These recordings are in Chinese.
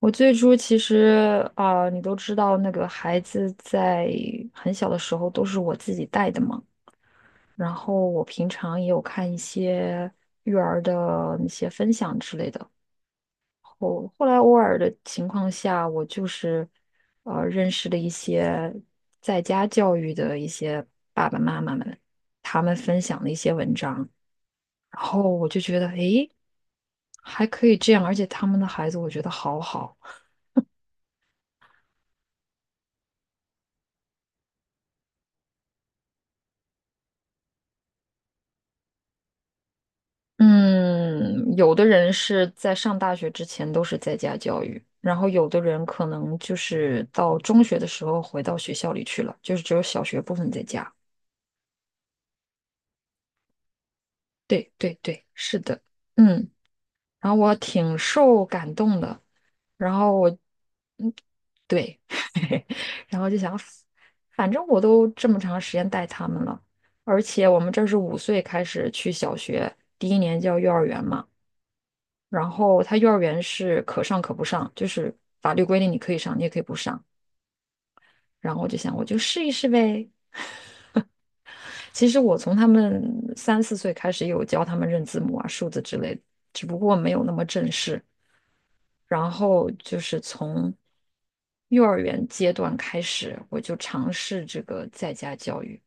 我最初其实啊、你都知道，那个孩子在很小的时候都是我自己带的嘛。然后我平常也有看一些育儿的那些分享之类的。后来偶尔的情况下，我就是认识了一些在家教育的一些爸爸妈妈们，他们分享的一些文章，然后我就觉得，诶，还可以这样，而且他们的孩子我觉得好好。嗯，有的人是在上大学之前都是在家教育，然后有的人可能就是到中学的时候回到学校里去了，就是只有小学部分在家。对对对，是的，嗯，然后我挺受感动的，然后我，嗯，对，然后就想，反正我都这么长时间带他们了，而且我们这儿是5岁开始去小学，第一年叫幼儿园嘛。然后他幼儿园是可上可不上，就是法律规定你可以上，你也可以不上。然后我就想，我就试一试呗。其实我从他们3、4岁开始有教他们认字母啊、数字之类的，只不过没有那么正式。然后就是从幼儿园阶段开始，我就尝试这个在家教育。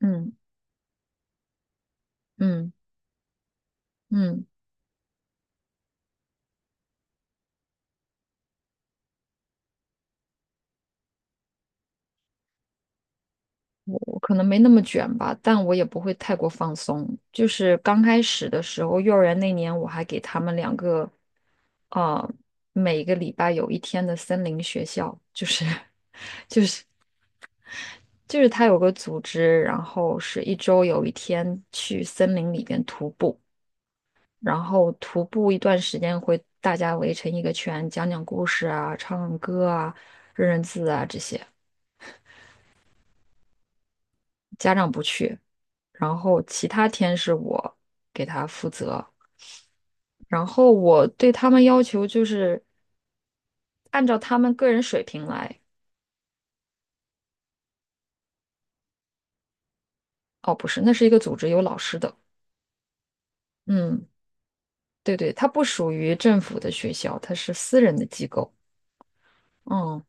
嗯嗯嗯。我可能没那么卷吧，但我也不会太过放松。就是刚开始的时候，幼儿园那年我还给他们两个，呃，每个礼拜有一天的森林学校，就是 就是他有个组织，然后是一周有一天去森林里边徒步，然后徒步一段时间会大家围成一个圈，讲讲故事啊，唱唱歌啊，认认字啊这些。家长不去，然后其他天是我给他负责。然后我对他们要求就是按照他们个人水平来。哦，不是，那是一个组织，有老师的。嗯，对对，它不属于政府的学校，它是私人的机构。嗯，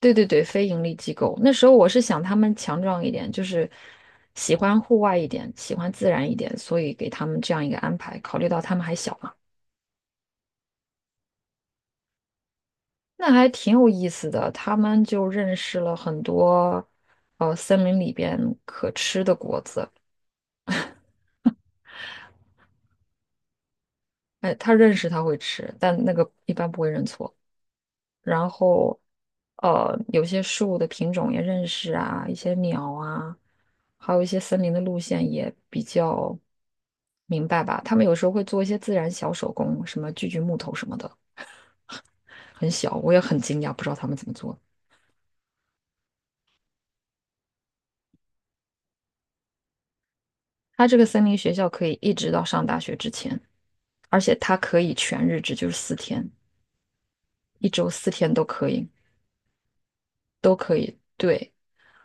对对对，非盈利机构。那时候我是想他们强壮一点，就是喜欢户外一点，喜欢自然一点，所以给他们这样一个安排。考虑到他们还小嘛，那还挺有意思的。他们就认识了很多，森林里边可吃的果子。哎，他认识他会吃，但那个一般不会认错。然后，有些树的品种也认识啊，一些鸟啊，还有一些森林的路线也比较明白吧。他们有时候会做一些自然小手工，什么锯锯木头什么的，很小，我也很惊讶，不知道他们怎么做。他这个森林学校可以一直到上大学之前，而且它可以全日制，就是四天，一周4天都可以，都可以，对，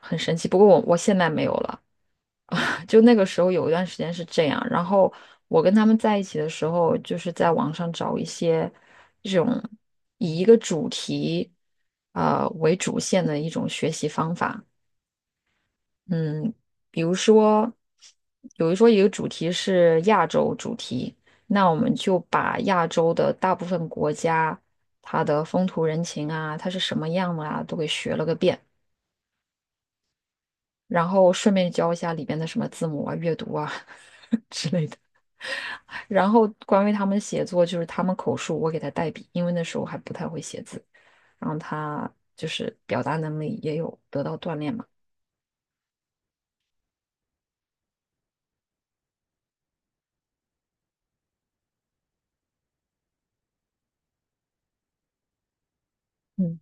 很神奇。不过我现在没有了。就那个时候有一段时间是这样，然后我跟他们在一起的时候，就是在网上找一些这种以一个主题为主线的一种学习方法。嗯，比如说，一个主题是亚洲主题，那我们就把亚洲的大部分国家它的风土人情啊，它是什么样的啊，都给学了个遍，然后顺便教一下里边的什么字母啊、阅读啊 之类的。然后关于他们写作，就是他们口述，我给他代笔，因为那时候还不太会写字。然后他就是表达能力也有得到锻炼嘛。嗯，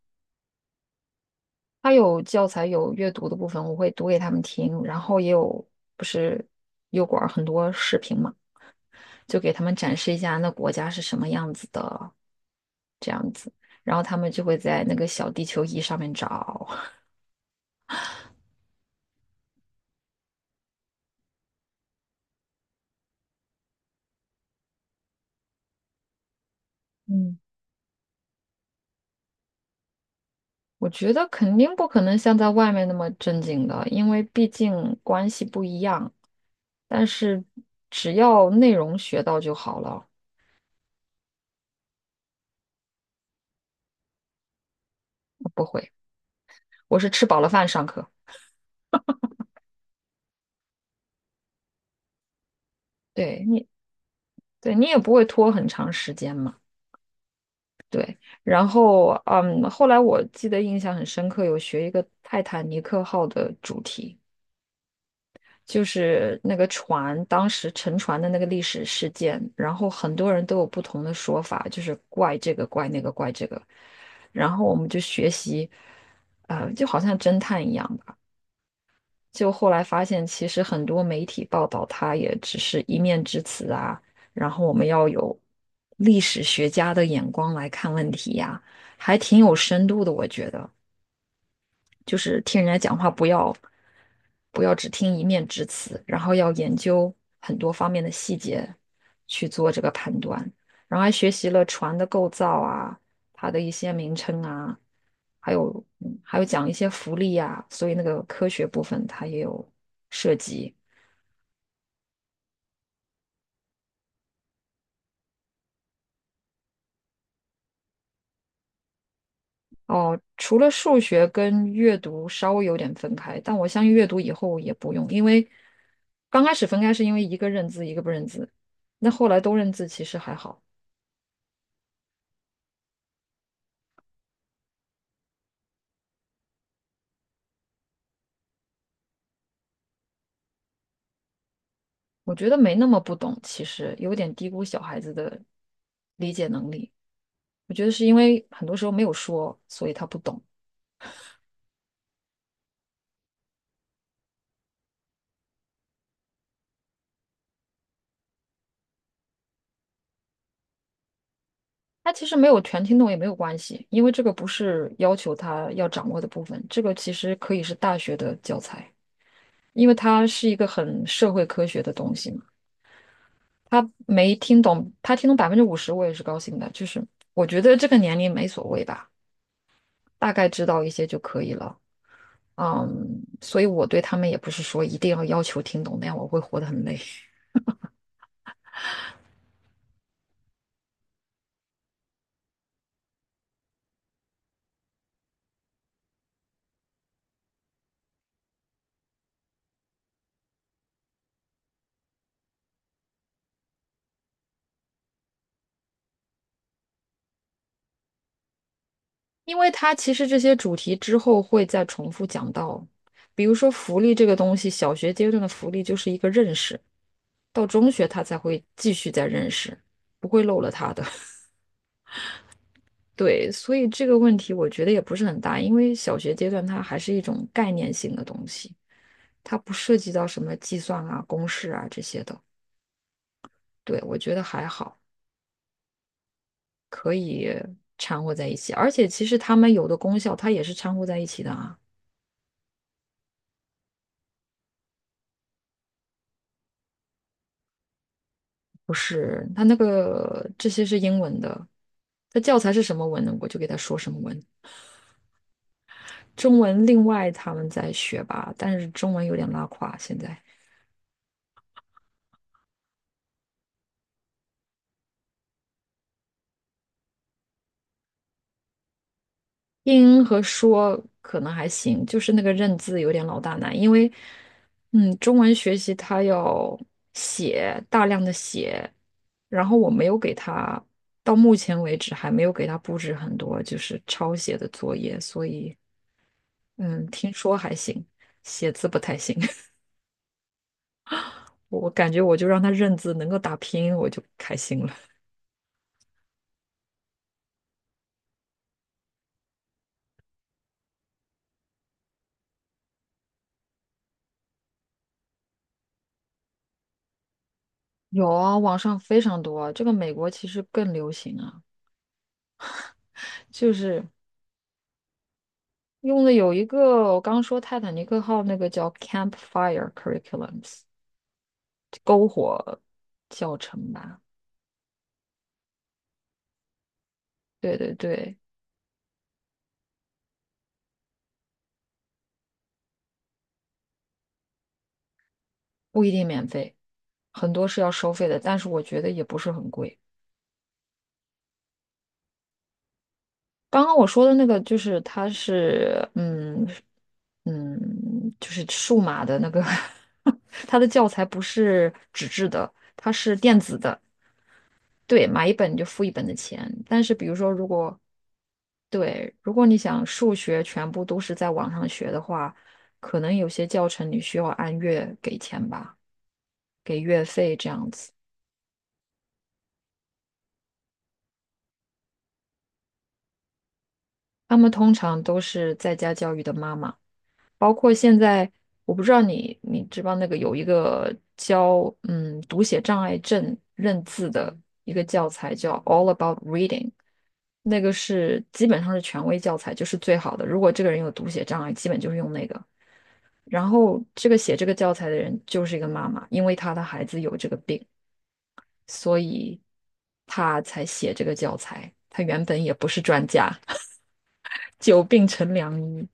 他有教材有阅读的部分，我会读给他们听，然后也有不是油管儿很多视频嘛，就给他们展示一下那国家是什么样子的这样子，然后他们就会在那个小地球仪上面找。嗯。我觉得肯定不可能像在外面那么正经的，因为毕竟关系不一样。但是只要内容学到就好了，我不会，我是吃饱了饭上课。对你，对你也不会拖很长时间嘛。对，然后嗯，后来我记得印象很深刻，有学一个泰坦尼克号的主题。就是那个船当时沉船的那个历史事件，然后很多人都有不同的说法，就是怪这个怪那个怪这个，然后我们就学习，就好像侦探一样吧。就后来发现，其实很多媒体报道它也只是一面之词啊，然后我们要有历史学家的眼光来看问题呀，还挺有深度的，我觉得。就是听人家讲话不要只听一面之词，然后要研究很多方面的细节去做这个判断，然后还学习了船的构造啊，它的一些名称啊，还有还有讲一些浮力啊，所以那个科学部分它也有涉及。哦，除了数学跟阅读稍微有点分开，但我相信阅读以后也不用，因为刚开始分开是因为一个认字一个不认字，那后来都认字其实还好。我觉得没那么不懂，其实有点低估小孩子的理解能力。我觉得是因为很多时候没有说，所以他不懂。他其实没有全听懂也没有关系，因为这个不是要求他要掌握的部分，这个其实可以是大学的教材，因为它是一个很社会科学的东西嘛。他没听懂，他听懂50%，我也是高兴的。就是我觉得这个年龄没所谓吧，大概知道一些就可以了。嗯，所以我对他们也不是说一定要要求听懂，那样我会活得很累。因为它其实这些主题之后会再重复讲到，比如说福利这个东西，小学阶段的福利就是一个认识，到中学他才会继续再认识，不会漏了他的。对，所以这个问题我觉得也不是很大，因为小学阶段它还是一种概念性的东西，它不涉及到什么计算啊、公式啊这些的。对，我觉得还好。可以掺和在一起，而且其实它们有的功效它也是掺和在一起的啊，不是？它那个这些是英文的，它教材是什么文呢？我就给它说什么文，中文另外他们在学吧，但是中文有点拉垮现在。听和说可能还行，就是那个认字有点老大难，因为，中文学习它要写，大量的写，然后我没有给他，到目前为止还没有给他布置很多就是抄写的作业，所以，嗯，听说还行，写字不太行，我感觉我就让他认字，能够打拼音我就开心了。有啊，网上非常多啊这个美国其实更流行啊，就是。用的有一个我刚说泰坦尼克号那个叫 Campfire Curriculums 呃教程吧，对对对，不一定免费，很多是要收费的，但是我觉得也不是很贵。刚刚我说的那个就是它是嗯就是数码的那个 它的教材不是纸质的，它是电子的，对，买一本就付一本的钱。但是比如说如果对，如果你想数学全部都是在网上学的话，可能有些教程你需要按月给钱吧，给月费这样子。他们通常都是在家教育的妈妈，包括现在，我不知道你知不知道那个有一个教读写障碍症认字的一个教材叫《All About Reading》，那个是基本上是权威教材，就是最好的。如果这个人有读写障碍，基本就是用那个。然后这个写这个教材的人就是一个妈妈，因为她的孩子有这个病，所以她才写这个教材。她原本也不是专家，久病成良医。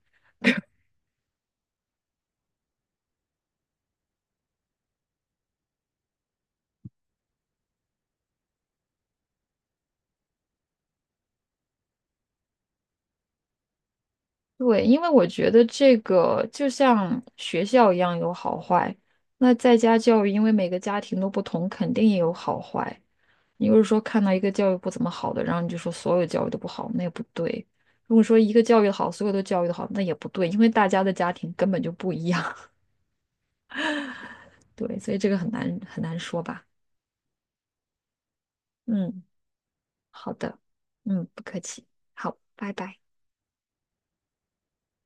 对，因为我觉得这个就像学校一样有好坏，那在家教育，因为每个家庭都不同，肯定也有好坏。你如果说看到一个教育不怎么好的，然后你就说所有教育都不好，那也不对。如果说一个教育好，所有都教育的好，那也不对，因为大家的家庭根本就不一样。对，所以这个很难很难说吧。嗯，好的，嗯，不客气，好，拜拜。